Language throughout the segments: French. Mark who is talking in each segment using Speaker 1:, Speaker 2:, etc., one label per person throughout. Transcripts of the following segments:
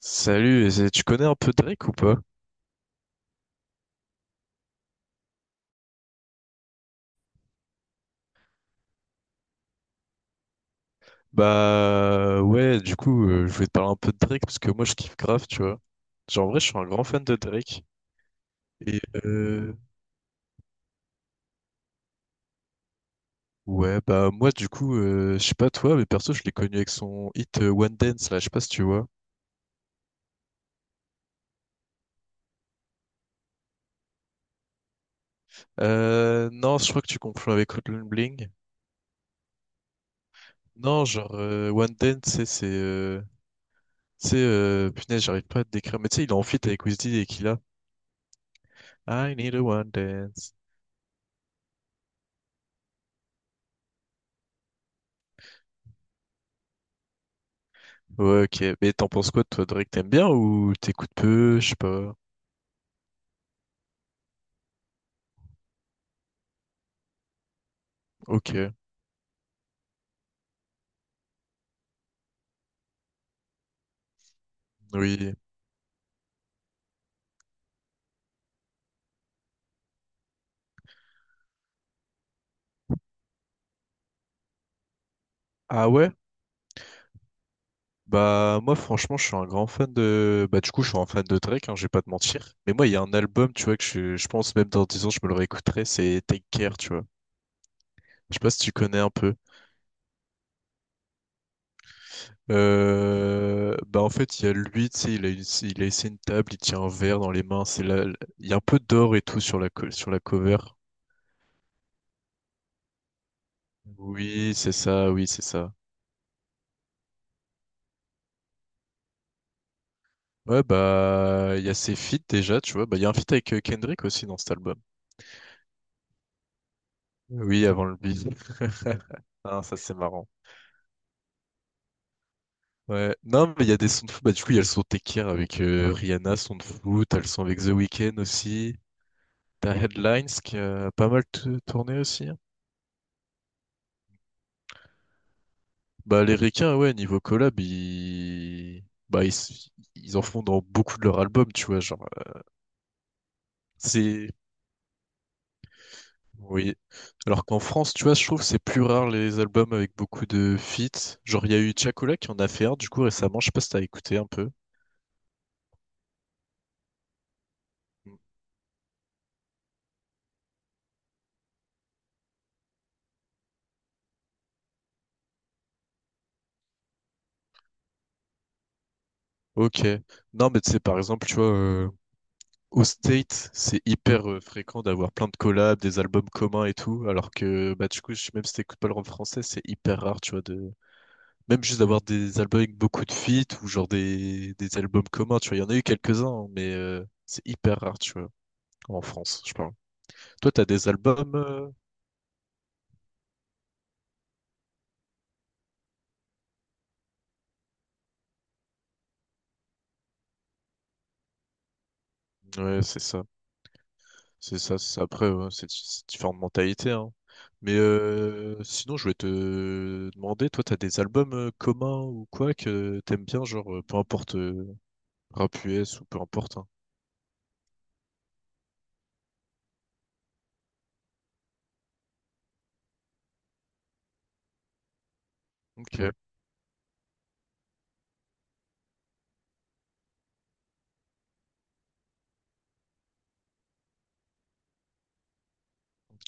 Speaker 1: Salut, et tu connais un peu Drake ou pas? Bah ouais, du coup, je voulais te parler un peu de Drake parce que moi je kiffe grave, tu vois. Genre en vrai, je suis un grand fan de Drake. Et ouais, bah moi du coup, je sais pas toi, mais perso, je l'ai connu avec son hit One Dance là, je sais pas si tu vois. Non, je crois que tu confonds avec Hotline Bling. Non, genre One Dance, tu sais, punaise, j'arrive pas à te décrire. Mais tu sais, il est en feat avec Wizkid et qu'il a I need a one dance. Ouais, ok. Mais t'en penses quoi, toi, Drake, t'aimes bien ou t'écoutes peu? Je sais pas. Ok. Oui. Ah ouais? Bah, moi, franchement, je suis un grand fan de. Bah, du coup, je suis un fan de Drake, hein, je vais pas te mentir. Mais moi, il y a un album, tu vois, que je pense même dans 10 ans, je me le réécouterai, c'est Take Care, tu vois. Je sais pas si tu connais un peu. Bah en fait, il y a lui, tu sais, il a essayé une table, il tient un verre dans les mains. C'est là, il y a un peu d'or et tout sur sur la cover. Oui, c'est ça, oui, c'est ça. Ouais, bah, il y a ses feats déjà, tu vois. Bah, il y a un feat avec Kendrick aussi dans cet album. Oui, avant le beat. Ah, ça, c'est marrant. Ouais. Non, mais il y a des sons de fou. Bah, du coup, il y a le son Tekir avec Rihanna, son de fou. T'as le son avec The Weeknd aussi. T'as Headlines qui a pas mal tourné aussi, hein. Bah, les requins, ouais, niveau collab, ils. Bah, ils en font dans beaucoup de leurs albums, tu vois, genre, c'est. Oui. Alors qu'en France, tu vois, je trouve que c'est plus rare les albums avec beaucoup de feats. Genre, il y a eu Tiakola qui en a fait un, du coup, récemment, je sais pas si t'as écouté un peu. Mm. Ok. Non, mais tu sais, par exemple, tu vois, au state, c'est hyper fréquent d'avoir plein de collabs, des albums communs et tout, alors que bah du coup, même si t'écoutes pas le rap français, c'est hyper rare, tu vois, de même juste d'avoir des albums avec beaucoup de feats ou genre des albums communs, tu vois, il y en a eu quelques-uns, mais c'est hyper rare, tu vois, en France, je parle. Toi, t'as des albums. Ouais, c'est ça, c'est ça, c'est ça. Après, ouais, c'est différentes mentalités, hein. Mais sinon, je voulais te demander, toi, t'as des albums communs ou quoi que t'aimes bien, genre, peu importe. Rap US ou peu importe, hein. Ok,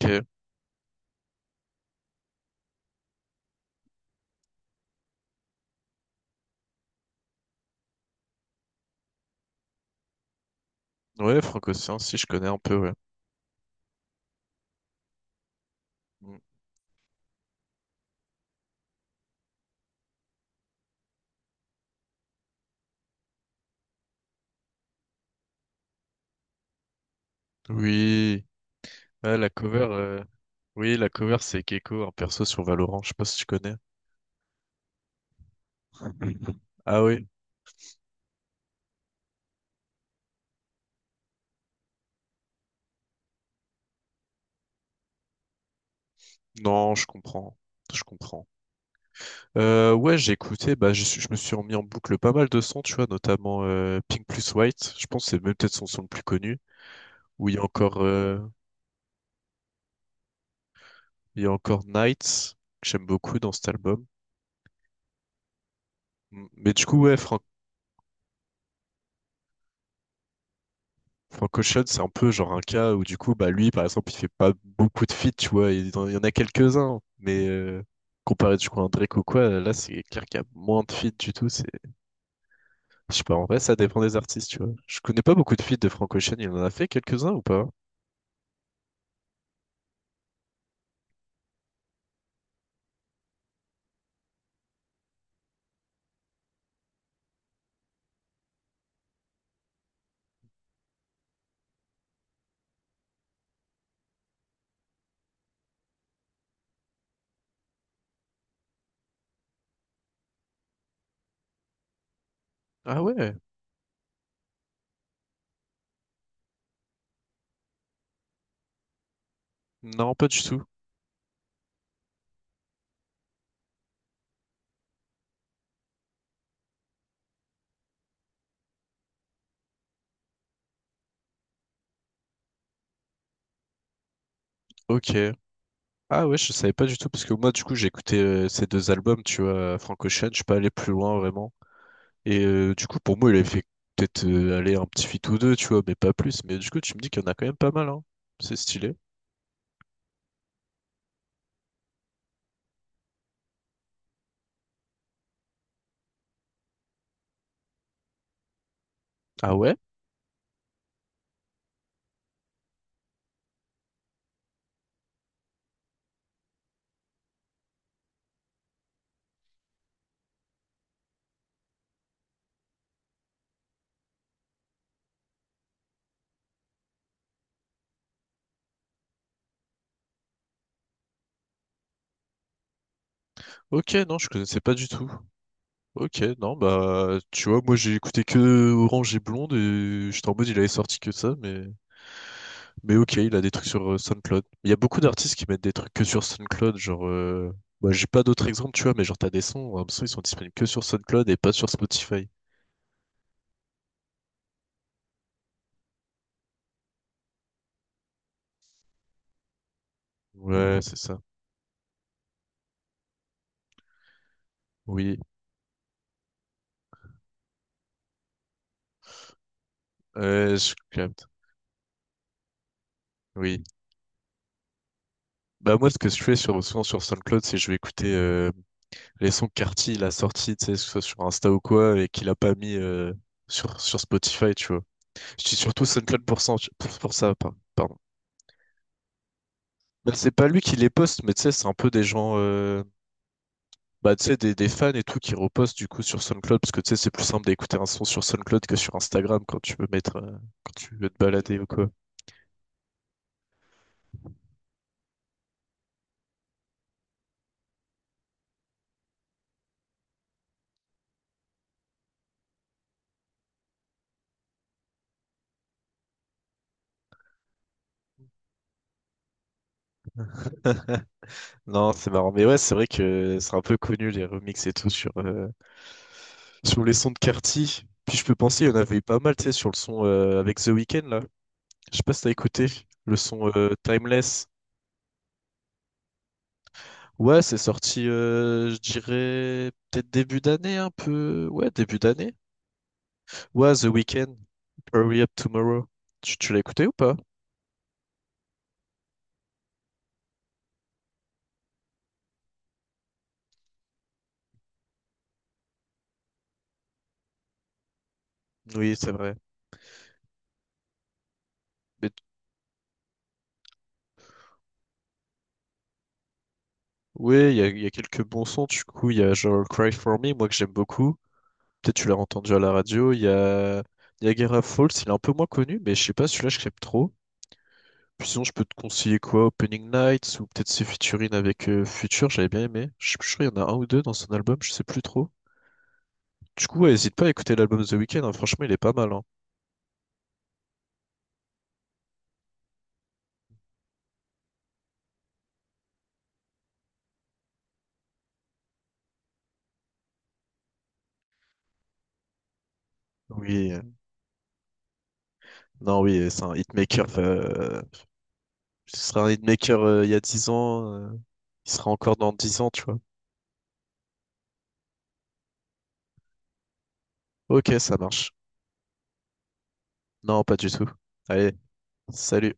Speaker 1: ok. Ouais, Franco-Océan, si je connais un peu, ouais. Mm. Oui. Ah, oui, la cover c'est Gecko, un perso sur Valorant, je sais pas si tu connais. Ah oui, non, je comprends, je comprends. Ouais, j'ai écouté, bah, je me suis remis en boucle pas mal de sons, tu vois, notamment Pink plus White, je pense que c'est même peut-être son son le plus connu, où il y a encore, il y a encore Nights, que j'aime beaucoup dans cet album. Mm. Mais du coup, ouais, Frank Ocean, c'est un peu genre un cas où du coup, bah lui, par exemple, il fait pas beaucoup de feats, tu vois, il y en a quelques-uns, mais comparé du coup à un Drake ou quoi, là c'est clair qu'il y a moins de feats du tout, c'est, je sais pas, en vrai ça dépend des artistes, tu vois. Je connais pas beaucoup de feats de Frank Ocean, il en a fait quelques-uns ou pas? Ah ouais? Non, pas du tout. Ok. Ah ouais, je savais pas du tout, parce que moi, du coup, j'ai écouté ces deux albums, tu vois, Frank Ocean, je suis pas allé plus loin, vraiment. Et du coup, pour moi, il avait fait peut-être aller un petit feat ou deux, tu vois, mais pas plus. Mais du coup, tu me dis qu'il y en a quand même pas mal, hein. C'est stylé. Ah ouais? Ok, non, je connaissais pas du tout. Ok, non, bah, tu vois, moi, j'ai écouté que Orange et Blonde, et j'étais en mode, il avait sorti que ça, mais. Mais ok, il a des trucs sur SoundCloud. Il y a beaucoup d'artistes qui mettent des trucs que sur SoundCloud, genre. Bah j'ai pas d'autres exemples, tu vois, mais genre t'as des sons, un son, ils sont disponibles que sur SoundCloud et pas sur Spotify. Ouais, c'est ça. Oui. Je capte. Oui. Bah moi, ce que je fais souvent sur SoundCloud, c'est je vais écouter les sons que Carti il a sortis, tu sais, que ce soit sur Insta ou quoi, et qu'il a pas mis sur Spotify, tu vois. Je dis surtout SoundCloud pour ça, pardon. Bah, c'est pas lui qui les poste, mais tu sais, c'est un peu des gens, bah, tu sais, des fans et tout qui repostent du coup sur SoundCloud, parce que tu sais, c'est plus simple d'écouter un son sur SoundCloud que sur Instagram quand tu veux quand tu veux te balader ou quoi. Non, c'est marrant. Mais ouais, c'est vrai que c'est un peu connu les remixes et tout sur les sons de Carti. Puis je peux penser, il y en avait eu pas mal, tu sais, sur le son avec The Weeknd là. Je sais pas si t'as écouté le son Timeless. Ouais, c'est sorti, je dirais, peut-être début d'année, un peu. Ouais, début d'année. Ouais, The Weeknd, Hurry Up Tomorrow. Tu l'as écouté ou pas? Oui, c'est vrai. Mais- oui, il y a quelques bons sons, du coup. Il y a genre Cry For Me, moi que j'aime beaucoup. Peut-être tu l'as entendu à la radio. Il y a Niagara Falls, il est un peu moins connu, mais je sais pas, celui-là, je l'aime trop. Puis sinon, je peux te conseiller quoi? Opening Nights ou peut-être ses featuring avec Future, j'avais bien aimé. Je suis plus sûr, il y en a un ou deux dans son album, je sais plus trop. Du coup, ouais, hésite pas à écouter l'album de The Weeknd, hein, franchement, il est pas mal, hein. Oui, non, oui, c'est un hitmaker, ce sera un hitmaker il y a 10 ans, il sera encore dans 10 ans, tu vois. Ok, ça marche. Non, pas du tout. Allez, salut.